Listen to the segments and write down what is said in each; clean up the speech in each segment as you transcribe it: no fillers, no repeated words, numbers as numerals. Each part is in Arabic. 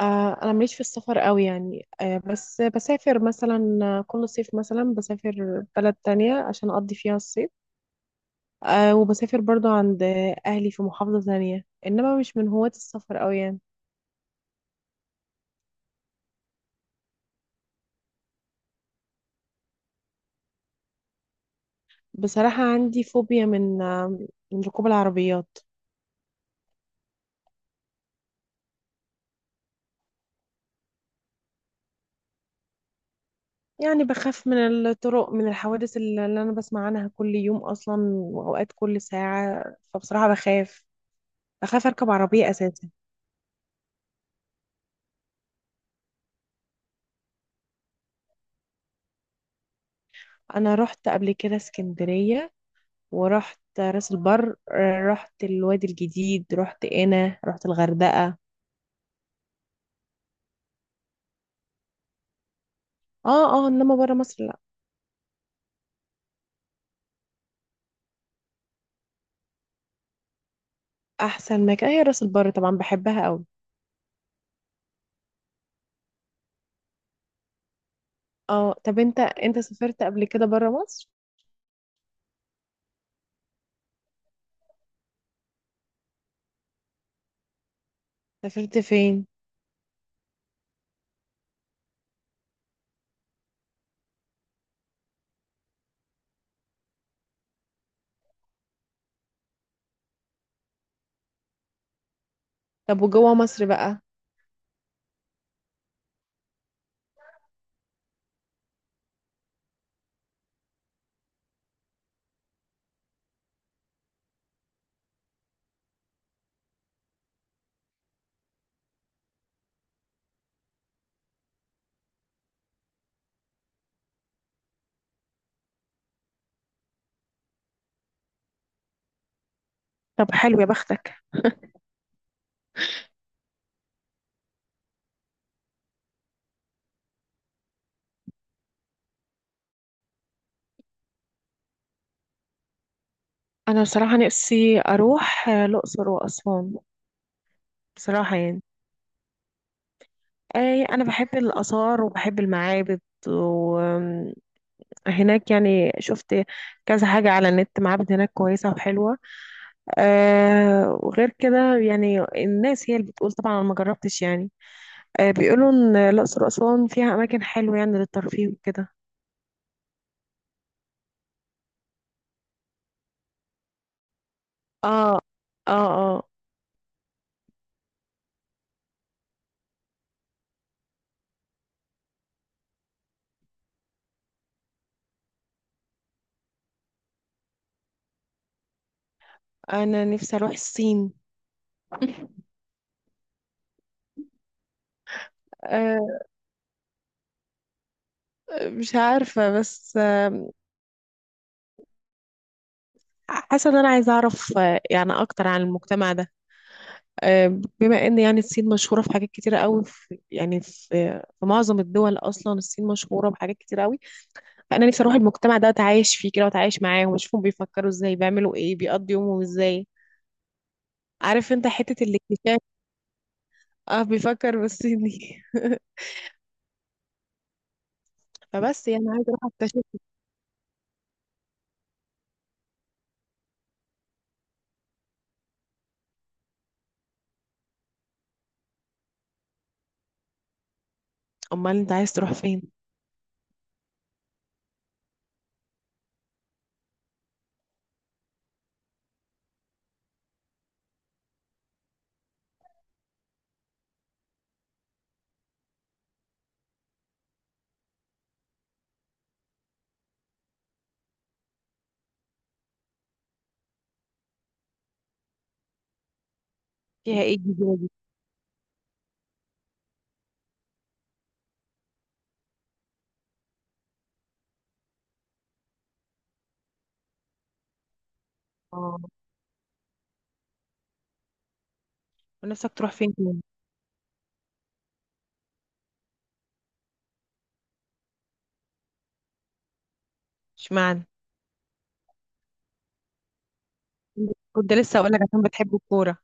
آه، انا ماليش في السفر قوي يعني بس بسافر مثلا كل صيف مثلا بسافر بلد تانية عشان اقضي فيها الصيف. وبسافر برضو عند اهلي في محافظة تانية، انما مش من هواة السفر قوي يعني. بصراحة عندي فوبيا من من ركوب العربيات. يعني بخاف من الطرق، من الحوادث اللي انا بسمع عنها كل يوم اصلا، واوقات كل ساعة. فبصراحة بخاف، اركب عربية اساسا. انا رحت قبل كده اسكندرية، ورحت راس البر، رحت الوادي الجديد، رحت قنا، رحت الغردقة. اه، اه، انما برا مصر لا. احسن مكان هي راس البر، طبعا بحبها قوي. اه. طب انت، سافرت قبل كده برا مصر؟ سافرت فين؟ طب وجوه مصر بقى؟ طب حلو يا بختك. انا بصراحه نفسي اروح الاقصر واسوان. بصراحه يعني، اي، انا بحب الاثار وبحب المعابد، وهناك يعني شفت كذا حاجه على النت، معابد هناك كويسه وحلوه. آه، وغير كده يعني الناس هي اللي بتقول، طبعا انا ما جربتش يعني. بيقولوا ان الاقصر واسوان فيها اماكن حلوه يعني للترفيه وكده. اه، اه، اه. انا نفسي اروح الصين. آه مش عارفه، بس حاسه ان انا عايزه اعرف يعني اكتر عن المجتمع ده. آه بما ان يعني الصين مشهوره في حاجات كتيره قوي، في، يعني، في معظم الدول اصلا الصين مشهوره بحاجات كتيره قوي. فانا نفسي اروح المجتمع ده واتعايش فيه كده، واتعايش معاهم، واشوفهم بيفكروا ازاي، بيعملوا ايه، بيقضوا يومهم ازاي. عارف انت حتة الاكتشاف. اه، بيفكر بالصيني فبس يعني عايزة اروح اكتشف. امال انت عايز تروح فين؟ فيها ايه الجزيرة دي؟ اه. ونفسك تروح فين تاني؟ اشمعنى؟ كنت لسه اقول لك عشان بتحب الكورة.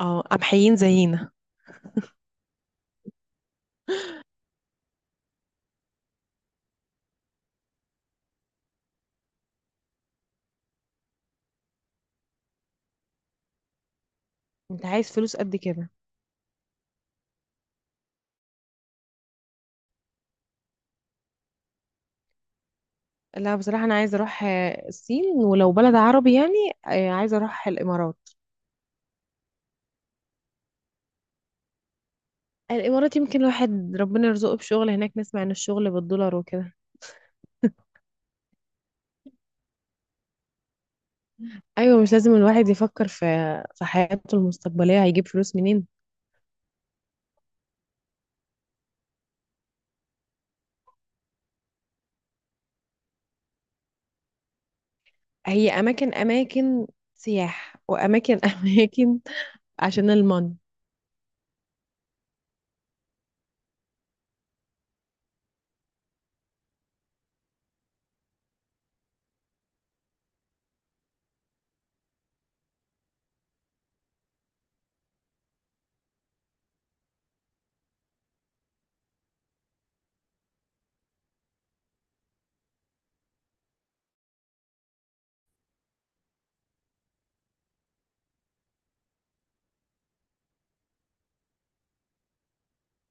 اه، قمحيين زينا. انت عايز فلوس قد كده؟ لا بصراحة انا عايزة اروح الصين، ولو بلد عربي يعني عايزة اروح الامارات. الامارات يمكن الواحد ربنا يرزقه بشغل هناك، نسمع ان الشغل بالدولار وكده. ايوه، مش لازم الواحد يفكر في حياته المستقبليه هيجيب فلوس منين. هي اماكن، سياح واماكن اماكن عشان المن.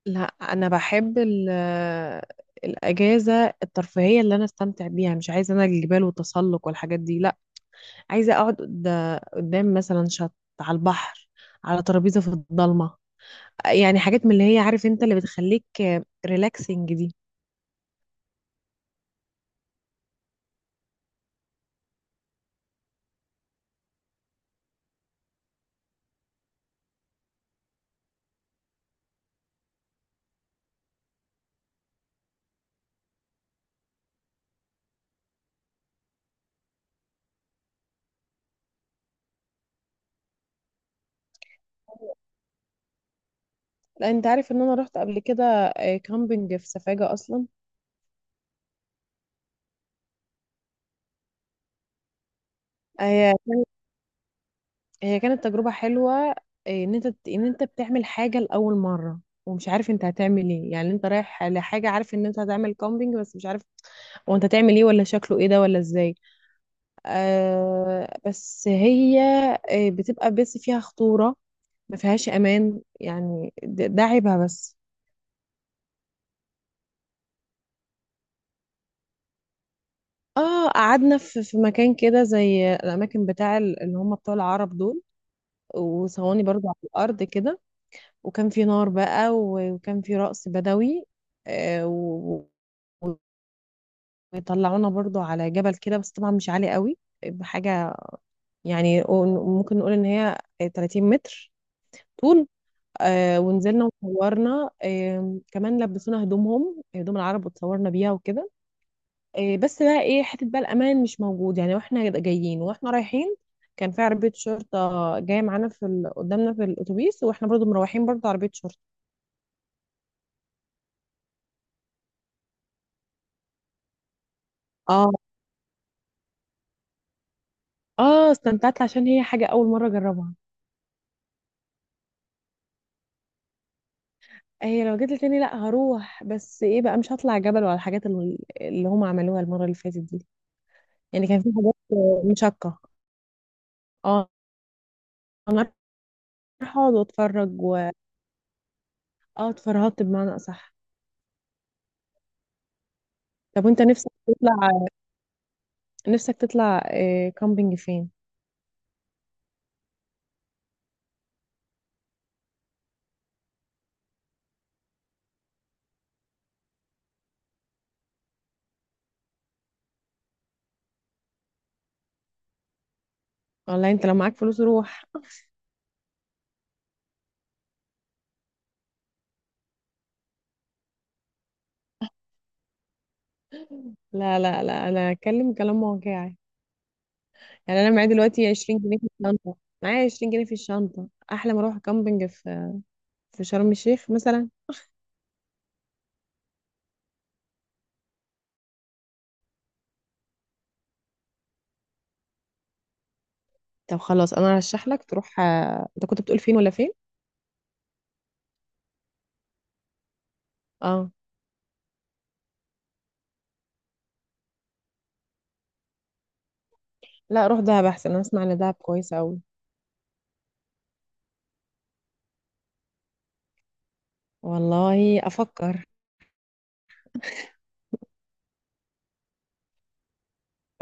لا انا بحب الاجازه الترفيهيه اللي انا استمتع بيها، مش عايزه انا الجبال والتسلق والحاجات دي، لا. عايزه اقعد قدام مثلا شط، على البحر، على ترابيزه في الضلمه، يعني حاجات من اللي هي، عارف انت، اللي بتخليك ريلاكسنج دي. لا انت عارف ان انا رحت قبل كده كامبينج في سفاجة اصلا. هي هي كانت تجربة حلوة. ان انت بتعمل حاجة لأول مرة، ومش عارف انت هتعمل ايه. يعني انت رايح لحاجة، عارف ان انت هتعمل كامبينج بس مش عارف هو انت هتعمل ايه، ولا شكله ايه ده، ولا ازاي. آه بس هي آه، بتبقى بس فيها خطورة، ما فيهاش امان يعني، ده عيبها بس. اه، قعدنا في مكان كده زي الاماكن بتاع اللي هم بتوع العرب دول، وصواني برضو على الارض كده، وكان في نار بقى، وكان في رقص بدوي، آه، و- وطلعونا برضو على جبل كده، بس طبعا مش عالي قوي، بحاجة يعني ممكن نقول ان هي 30 متر طول. ونزلنا وصورنا، كمان لبسونا هدومهم، هدوم العرب، وتصورنا بيها وكده. بس بقى ايه، حتة بقى الأمان مش موجود يعني. واحنا جايين واحنا رايحين كان في عربية شرطة جاية معانا في قدامنا في الأتوبيس، واحنا برضو مروحين برضو عربية شرطة. اه، اه، استمتعت عشان هي حاجة أول مرة أجربها. هي لو جيت لي تاني لأ، هروح بس إيه بقى، مش هطلع جبل ولا الحاجات اللي هم عملوها المرة اللي فاتت دي. يعني كان في حاجات مشقة. اه. أنا رايحة أقعد وأتفرج و... اه، اتفرهدت بمعنى أصح. طب وأنت، نفسك تطلع، كامبينج فين؟ والله أنت لو معاك فلوس روح. لا، لا، لا، أنا أتكلم كلام واقعي. يعني أنا معايا دلوقتي 20 جنيه في الشنطة، معايا 20 جنيه في الشنطة، أحلى ما أروح كامبينج في شرم الشيخ مثلا. طب خلاص، انا هرشح لك تروح انت كنت بتقول فين ولا فين؟ اه، لا، روح دهب احسن، انا اسمع ان دهب كويسه قوي. والله افكر.